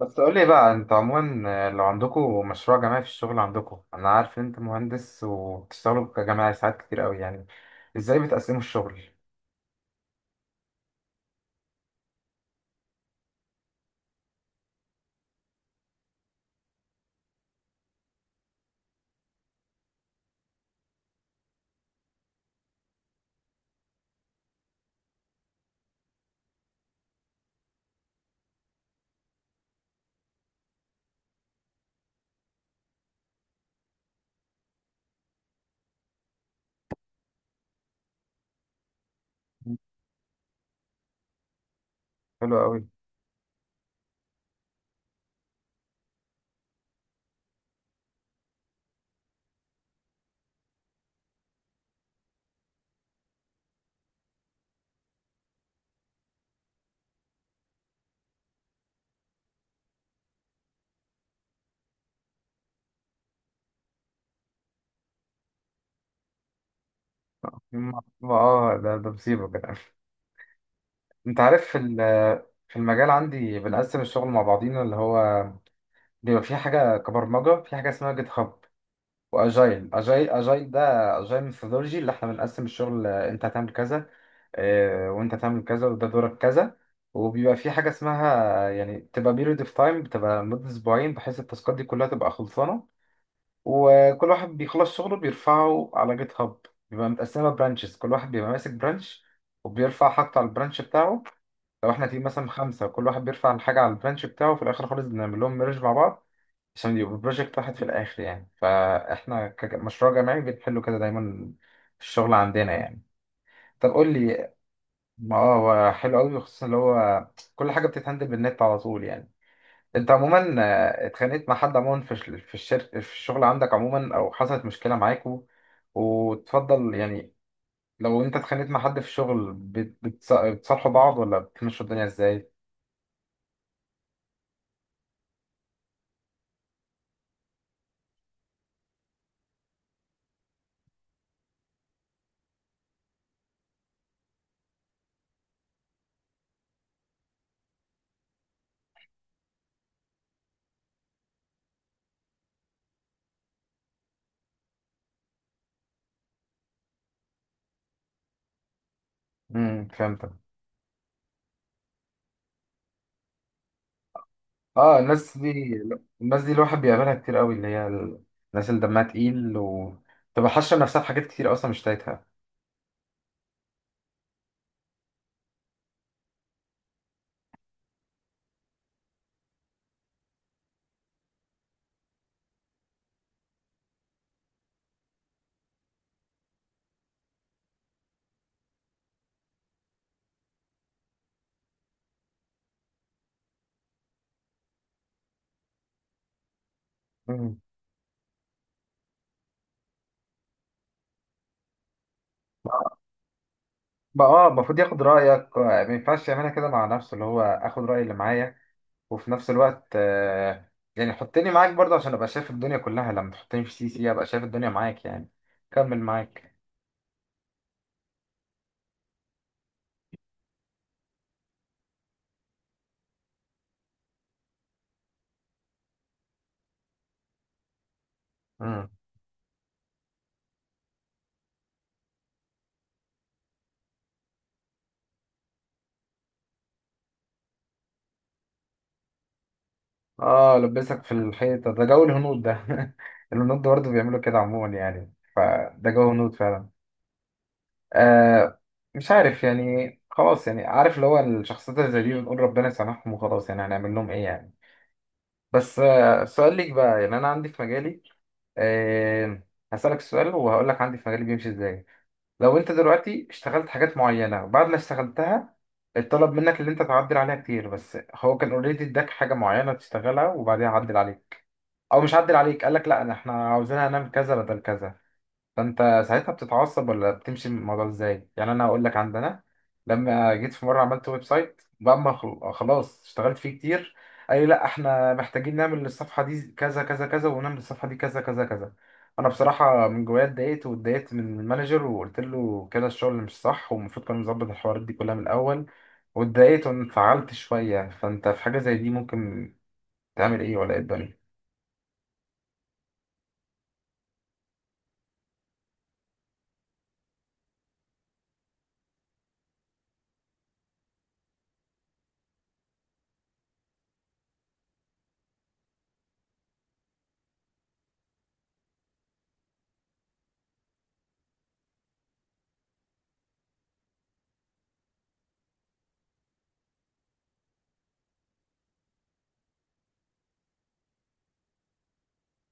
بس قول لي بقى، انتوا عموما لو عندكم مشروع جماعي في الشغل عندكم، انا عارف ان انت مهندس وبتشتغلوا كجماعي ساعات كتير قوي يعني. ازاي بتقسموا الشغل؟ حلو قوي. اه ده مصيبه كده. انت عارف في المجال عندي بنقسم الشغل مع بعضينا، اللي هو بيبقى في حاجه كبرمجه، في حاجه اسمها جيت هاب. واجايل اجايل اجايل ده، اجايل ميثودولوجي، اللي احنا بنقسم الشغل. انت هتعمل كذا، وانت هتعمل كذا، وده دورك كذا. وبيبقى في حاجه اسمها يعني بتبقى بيريود اوف تايم، بتبقى مده اسبوعين، بحيث التاسكات دي كلها تبقى خلصانه. وكل واحد بيخلص شغله بيرفعه على جيت هاب. بيبقى متقسمه برانشز، كل واحد بيبقى ماسك برانش وبيرفع حاجته على البرانش بتاعه. لو احنا تيم مثلا خمسه، كل واحد بيرفع الحاجه على البرانش بتاعه، في الاخر خالص بنعمل لهم ميرج مع بعض عشان يبقى بروجكت واحد في الآخر يعني. فإحنا كمشروع جماعي بنحله كده دايما في الشغل عندنا يعني. طب قول لي. ما اه هو حلو قوي خصوصا اللي هو كل حاجة بتتهندل بالنت على طول يعني. أنت عموما اتخانقت مع حد عموما في الشركة في الشغل عندك عموما، أو حصلت مشكلة معاكوا وتفضل يعني. لو أنت اتخانقت مع حد في الشغل بتصالحوا بعض ولا بتمشوا الدنيا إزاي؟ امم، فهمتك. اه، الناس دي الواحد بيقابلها كتير قوي، الناس اللي دمها تقيل وتبقى حاشة نفسها في حاجات كتير اصلا مش تايتها. مم. بقى اه المفروض ياخد رأيك، ما ينفعش يعملها كده مع نفسه، اللي هو اخد رأي اللي معايا. وفي نفس الوقت يعني حطني معاك برضه عشان ابقى شايف الدنيا كلها، لما تحطني في سي سي ابقى شايف الدنيا معاك يعني. كمل معاك. مم. اه، لبسك في الحيطة ده جو الهنود ده الهنود برضه بيعملوا كده عموما يعني، فده جو هنود فعلا. آه، مش عارف يعني، خلاص يعني، عارف اللي هو الشخصيات اللي زي دي بنقول ربنا يسامحهم وخلاص يعني، هنعمل لهم ايه يعني. بس سؤال ليك بقى، يعني انا عندي في مجالي. آه هسألك السؤال وهقول لك عندي في مجالي بيمشي ازاي. لو انت دلوقتي اشتغلت حاجات معينة وبعد ما اشتغلتها اتطلب منك اللي انت تعدل عليها كتير، بس هو كان اوريدي اداك حاجة معينة تشتغلها وبعدين عدل عليك. او مش عدل عليك، قال لك لا انا احنا عاوزينها نعمل كذا بدل كذا. فانت ساعتها بتتعصب ولا بتمشي من الموضوع ازاي؟ يعني انا هقول لك عندنا، لما جيت في مره عملت ويب سايت، بعد ما خلاص اشتغلت فيه كتير، قال لي لا احنا محتاجين نعمل الصفحه دي كذا كذا كذا ونعمل الصفحه دي كذا كذا كذا. انا بصراحه من جوايا اتضايقت، واتضايقت من المانجر وقلت له كده الشغل مش صح، والمفروض كان نظبط الحوارات دي كلها من الاول. واتضايقت وانفعلت شويه. فانت في حاجه زي دي ممكن تعمل ايه ولا ايه الدنيا؟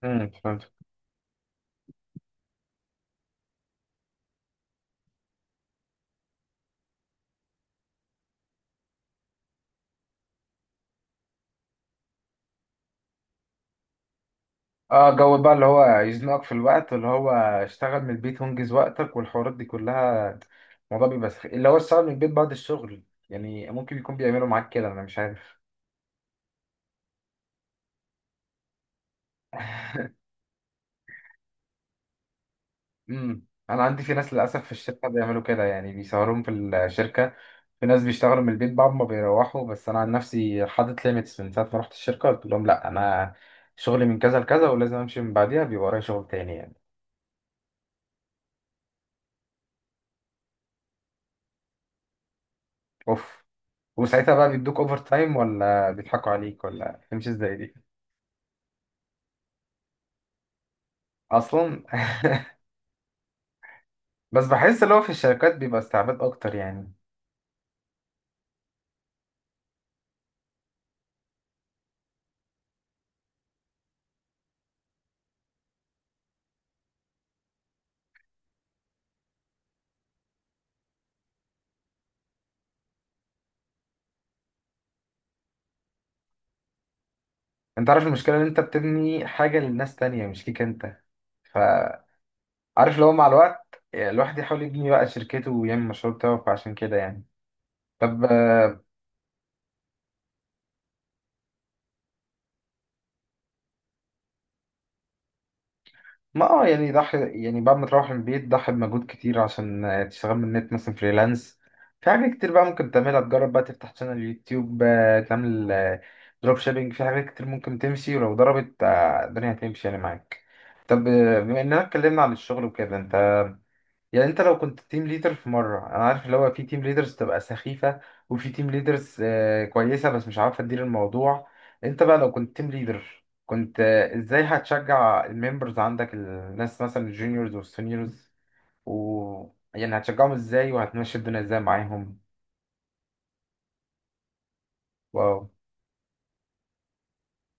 امم. اه، جو بقى اللي هو يزنقك في الوقت، اللي هو اشتغل من البيت وانجز وقتك والحوارات دي كلها. الموضوع بيبقى اللي هو اشتغل من البيت بعد الشغل يعني، ممكن يكون بيعملوا معاك كده انا مش عارف. امم، انا عندي في ناس للاسف في الشركه بيعملوا كده يعني، بيسهرهم في الشركه. في ناس بيشتغلوا من البيت بعد ما بيروحوا، بس انا عن نفسي حاطط ليميتس، من ساعه ما رحت الشركه قلت لهم لا انا شغلي من كذا لكذا ولازم امشي من بعديها، بيبقى ورايا شغل تاني يعني. اوف. وساعتها بقى بيدوك اوفر تايم ولا بيضحكوا عليك ولا تمشي ازاي دي؟ اصلا. بس بحس اللي هو في الشركات بيبقى استعباد اكتر يعني. انت عارف المشكله ان انت بتبني حاجه للناس تانية مش ليك انت، فعارف اللي هو مع الوقت الواحد يحاول يبني بقى شركته ويعمل المشروع بتاعه، فعشان كده يعني. طب ما اه يعني ضحي. يعني بعد ما تروح من البيت ضحي بمجهود كتير، عشان تشتغل من النت مثلا فريلانس. في حاجات كتير بقى ممكن تعملها، تجرب بقى تفتح شانل يوتيوب، تعمل دروب شيبينج. في حاجات كتير ممكن تمشي، ولو ضربت الدنيا هتمشي يعني معاك. طب بما اننا اتكلمنا عن الشغل وكده، انت يعني انت لو كنت تيم ليدر في مره، انا عارف اللي هو في تيم ليدرز تبقى سخيفه وفي تيم ليدرز كويسه بس مش عارفه تدير الموضوع. انت بقى لو كنت تيم ليدر، كنت ازاي هتشجع الممبرز عندك، الناس مثلا الجونيورز والسينيورز، و يعني هتشجعهم ازاي وهتمشي الدنيا ازاي معاهم؟ واو.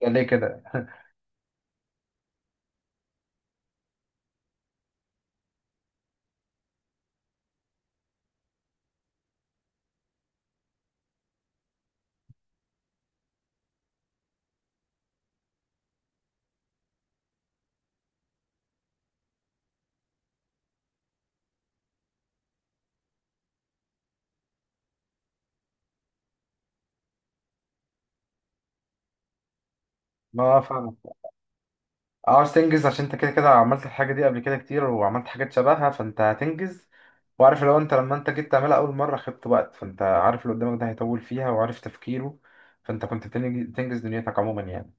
ده ليه كده؟ ما فاهم. عاوز تنجز عشان انت كده كده عملت الحاجة دي قبل كده كتير، وعملت حاجات شبهها فانت هتنجز. وعارف لو انت لما انت جيت تعملها اول مرة خدت وقت، فانت عارف اللي قدامك ده هيطول فيها وعارف تفكيره. فانت كنت بتنجز دنيتك عموما يعني.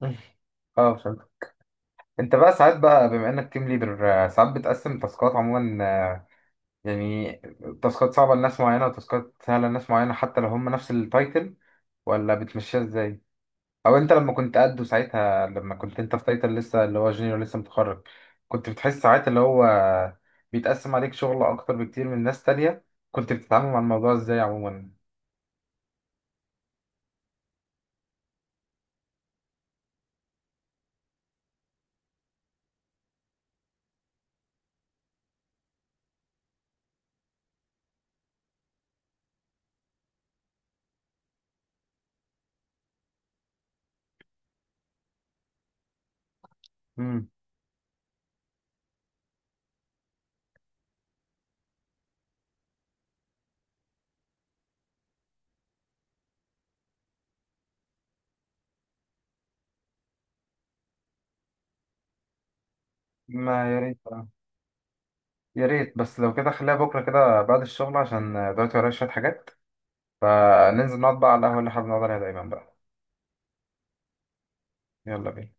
اه فهمت. انت بقى ساعات بقى بما انك تيم ليدر، ساعات بتقسم تاسكات عموما، يعني تاسكات صعبة لناس معينة وتاسكات سهلة لناس معينة، حتى لو هم نفس التايتل، ولا بتمشيها ازاي؟ او انت لما كنت قده ساعتها، لما كنت انت في تايتل لسه اللي هو جونيور لسه متخرج، كنت بتحس ساعات اللي هو بيتقسم عليك شغل اكتر بكتير من ناس تانية، كنت بتتعامل مع الموضوع ازاي عموما؟ امم. ما يا ريت يا ريت بس لو كده خليها بكره كده بعد الشغل عشان دلوقتي ورايا شوية حاجات، فننزل نقعد بقى على القهوة اللي احنا بنقعد عليها دايما بقى. يلا بينا.